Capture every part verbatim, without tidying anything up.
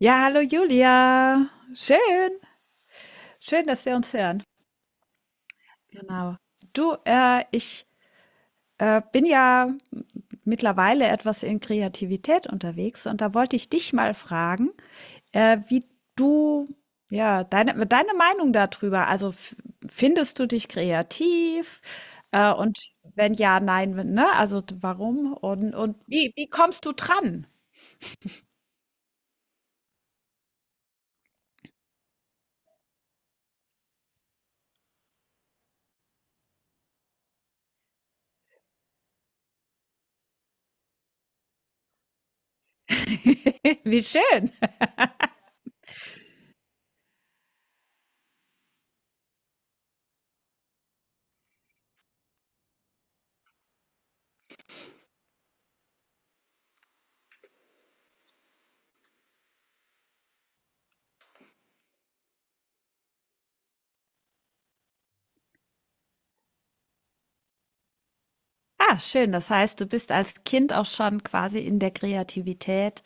Ja, hallo Julia. Schön, schön, dass wir uns hören. Genau. Du, äh, ich äh, bin ja m- mittlerweile etwas in Kreativität unterwegs und da wollte ich dich mal fragen, äh, wie du, ja, deine, deine Meinung darüber. Also f- findest du dich kreativ? Äh, und wenn ja, nein, wenn- ne? Also warum? Und, und wie, wie kommst du dran? Wie schön. Ah, schön. Das heißt, du bist als Kind auch schon quasi in der Kreativität,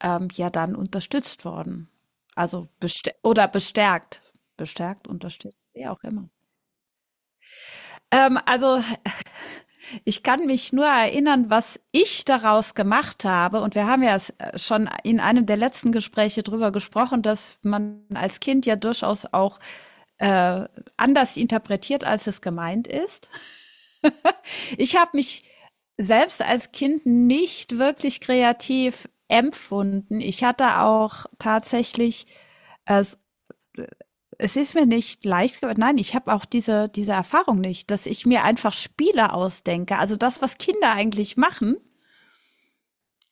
ähm, ja dann unterstützt worden. Also bestär oder bestärkt. Bestärkt, unterstützt, wie auch immer. Ähm, also ich kann mich nur erinnern, was ich daraus gemacht habe. Und wir haben ja s- äh, schon in einem der letzten Gespräche drüber gesprochen, dass man als Kind ja durchaus auch äh, anders interpretiert, als es gemeint ist. Ich habe mich selbst als Kind nicht wirklich kreativ empfunden. Ich hatte auch tatsächlich, es, es ist mir nicht leicht, ge- nein, ich habe auch diese, diese Erfahrung nicht, dass ich mir einfach Spiele ausdenke. Also das, was Kinder eigentlich machen,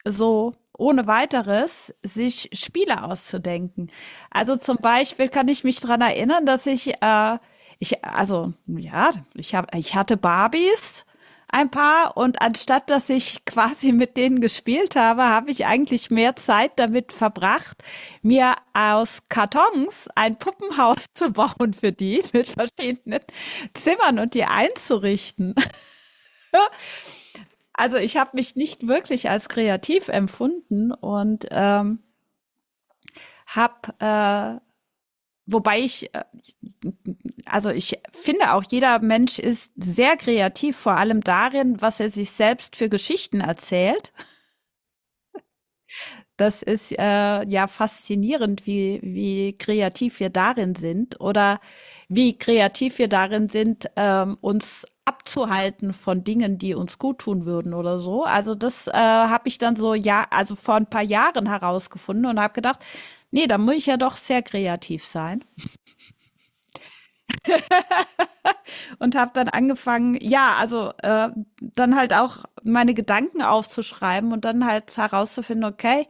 so ohne weiteres sich Spiele auszudenken. Also zum Beispiel kann ich mich dran erinnern, dass ich, äh, ich also ja, ich, habe ich hatte Barbies ein paar und anstatt dass ich quasi mit denen gespielt habe, habe ich eigentlich mehr Zeit damit verbracht, mir aus Kartons ein Puppenhaus zu bauen für die mit verschiedenen Zimmern und die einzurichten. Also ich habe mich nicht wirklich als kreativ empfunden und ähm, habe, äh, wobei ich, äh, also ich finde auch, jeder Mensch ist sehr kreativ, vor allem darin, was er sich selbst für Geschichten erzählt. Das ist äh, ja faszinierend, wie, wie kreativ wir darin sind oder wie kreativ wir darin sind, ähm, uns abzuhalten von Dingen, die uns gut tun würden oder so. Also das äh, habe ich dann so ja, also vor ein paar Jahren herausgefunden und habe gedacht, nee, da muss ich ja doch sehr kreativ sein. Und habe dann angefangen, ja, also äh, dann halt auch meine Gedanken aufzuschreiben und dann halt herauszufinden, okay,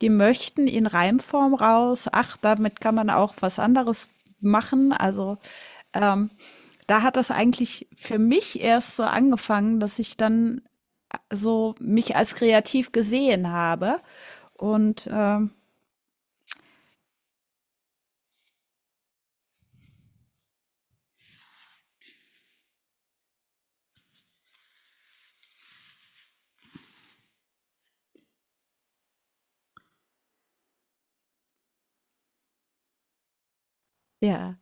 die möchten in Reimform raus. Ach, damit kann man auch was anderes machen. Also ähm, Da hat das eigentlich für mich erst so angefangen, dass ich dann so mich als kreativ gesehen habe. Und ähm, ja,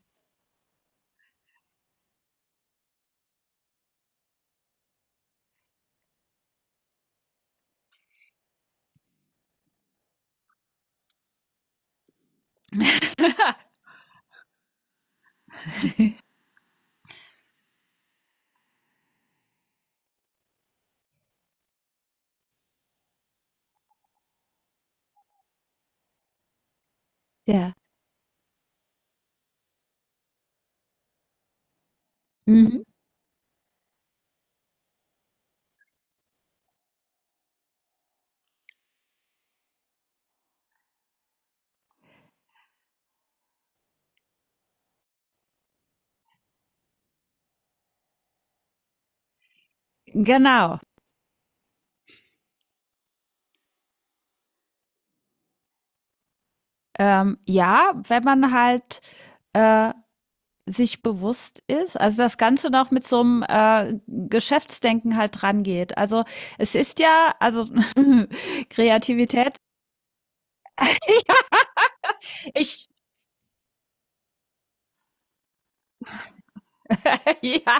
ja, mhm. Genau. Ähm, ja, wenn man halt äh, sich bewusst ist, also das Ganze noch mit so einem äh, Geschäftsdenken halt dran geht. Also es ist ja, also Kreativität, ich, ja,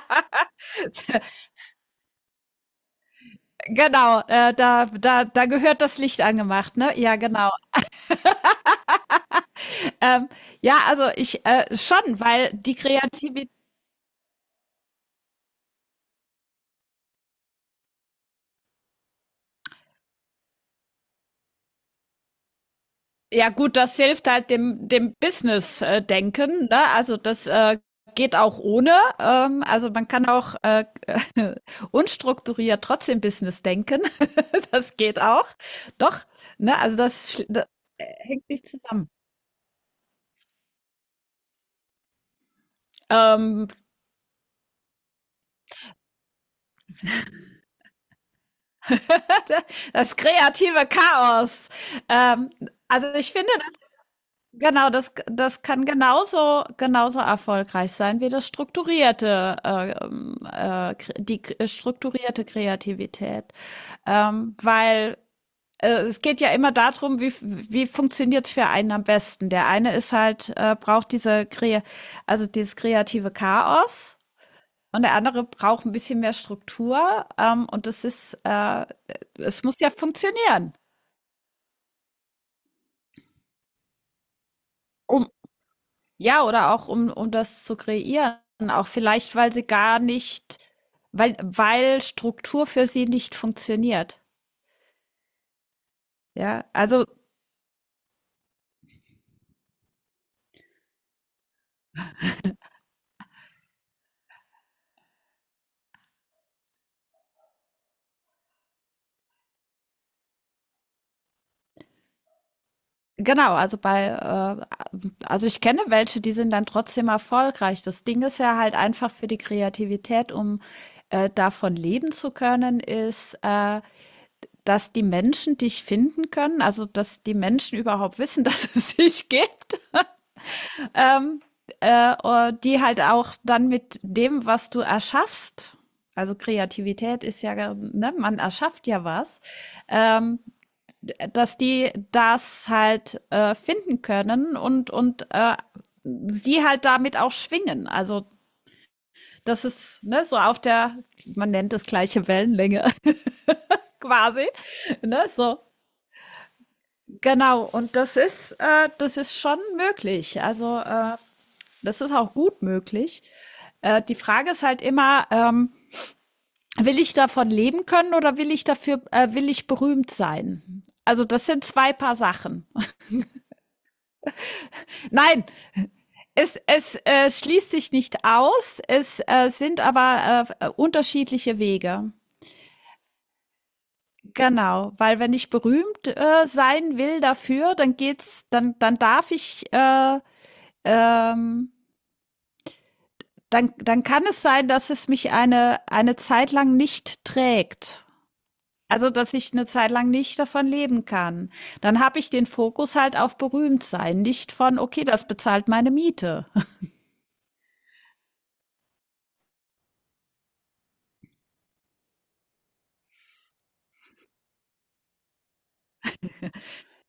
genau, äh, da, da, da gehört das Licht angemacht, ne? Ja, genau. Ähm, ja, also ich äh, schon, weil die Kreativität. Ja gut, das hilft halt dem dem Business-Denken, ne? Also das äh, geht auch ohne. Ähm, also man kann auch äh, unstrukturiert trotzdem Business denken. Das geht auch. Doch, ne? Also das, sch- hängt nicht zusammen. Ähm, das kreative Chaos. Ähm, also ich finde. Genau, das das kann genauso genauso erfolgreich sein wie das strukturierte, äh, ähm, äh, kre die k äh, strukturierte Kreativität. Ähm, weil, äh, Es geht ja immer darum, wie f wie funktioniert's für einen am besten. Der eine ist halt äh, braucht diese krea also, dieses kreative Chaos und der andere braucht ein bisschen mehr Struktur, ähm, und das ist, äh es muss ja funktionieren, um. Ja, oder auch um um das zu kreieren, auch vielleicht, weil sie gar nicht weil weil Struktur für sie nicht funktioniert. Ja, also genau, also bei, äh, also ich kenne welche, die sind dann trotzdem erfolgreich. Das Ding ist ja halt einfach für die Kreativität, um, äh, davon leben zu können, ist, äh, dass die Menschen dich finden können, also dass die Menschen überhaupt wissen, dass es dich gibt. Äh, die halt auch dann mit dem, was du erschaffst, also Kreativität ist ja, ne, man erschafft ja was, ähm, dass die das halt äh, finden können und, und äh, sie halt damit auch schwingen. Also das ist ne, so auf der, man nennt es gleiche Wellenlänge quasi. Ne, so. Genau, und das ist, äh, das ist schon möglich. Also äh, Das ist auch gut möglich. Äh, die Frage ist halt immer, ähm, will ich davon leben können oder will ich dafür, äh, will ich berühmt sein? Also das sind zwei Paar Sachen. Nein, es, es äh, schließt sich nicht aus, es äh, sind aber äh, unterschiedliche Wege. Genau, weil wenn ich berühmt äh, sein will dafür, dann geht's, dann, dann darf ich, äh, ähm, dann, dann kann es sein, dass es mich eine, eine Zeit lang nicht trägt. Also, dass ich eine Zeit lang nicht davon leben kann. Dann habe ich den Fokus halt auf Berühmtsein, nicht von: „Okay, das bezahlt meine Miete.“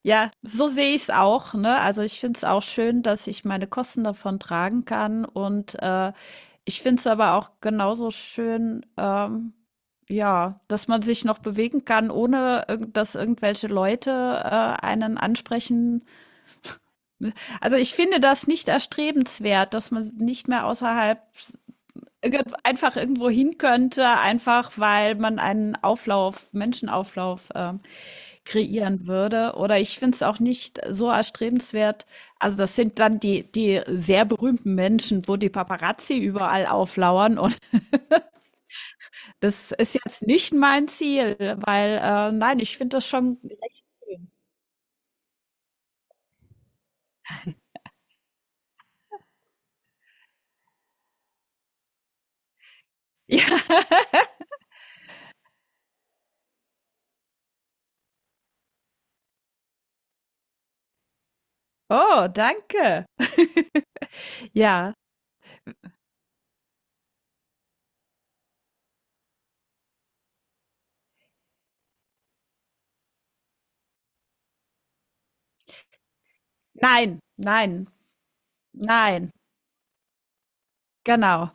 Ja, so sehe ich es auch, ne? Also, ich finde es auch schön, dass ich meine Kosten davon tragen kann und, äh, ich finde es aber auch genauso schön, ähm, ja, dass man sich noch bewegen kann, ohne irgend dass irgendwelche Leute, äh, einen ansprechen. Also, ich finde das nicht erstrebenswert, dass man nicht mehr außerhalb irgend einfach irgendwo hin könnte, einfach weil man einen Auflauf, Menschenauflauf ähm, kreieren würde. Oder ich finde es auch nicht so erstrebenswert. Also das sind dann die, die sehr berühmten Menschen, wo die Paparazzi überall auflauern. Und das ist jetzt nicht mein Ziel, weil äh, nein, ich finde das schon. Ja. Oh, danke. Ja. Nein, nein, nein. Genau.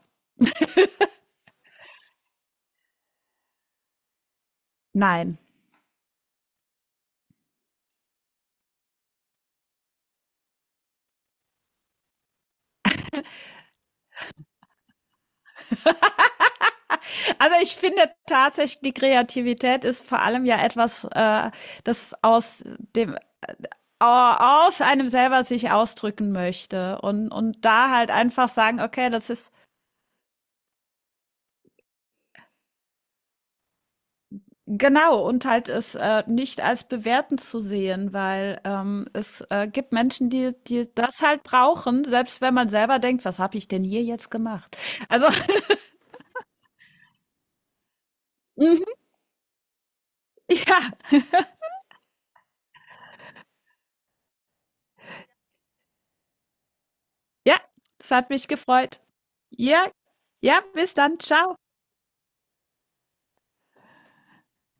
Nein. Also ich finde tatsächlich, die Kreativität ist vor allem ja etwas, äh, das aus dem aus einem selber sich ausdrücken möchte und und da halt einfach sagen, okay, das ist genau und halt es äh, nicht als bewertend zu sehen, weil ähm, es äh, gibt Menschen, die die das halt brauchen, selbst wenn man selber denkt, was habe ich denn hier jetzt gemacht? Also mhm, ja, ja, es hat mich gefreut. Ja, ja, bis dann, ciao.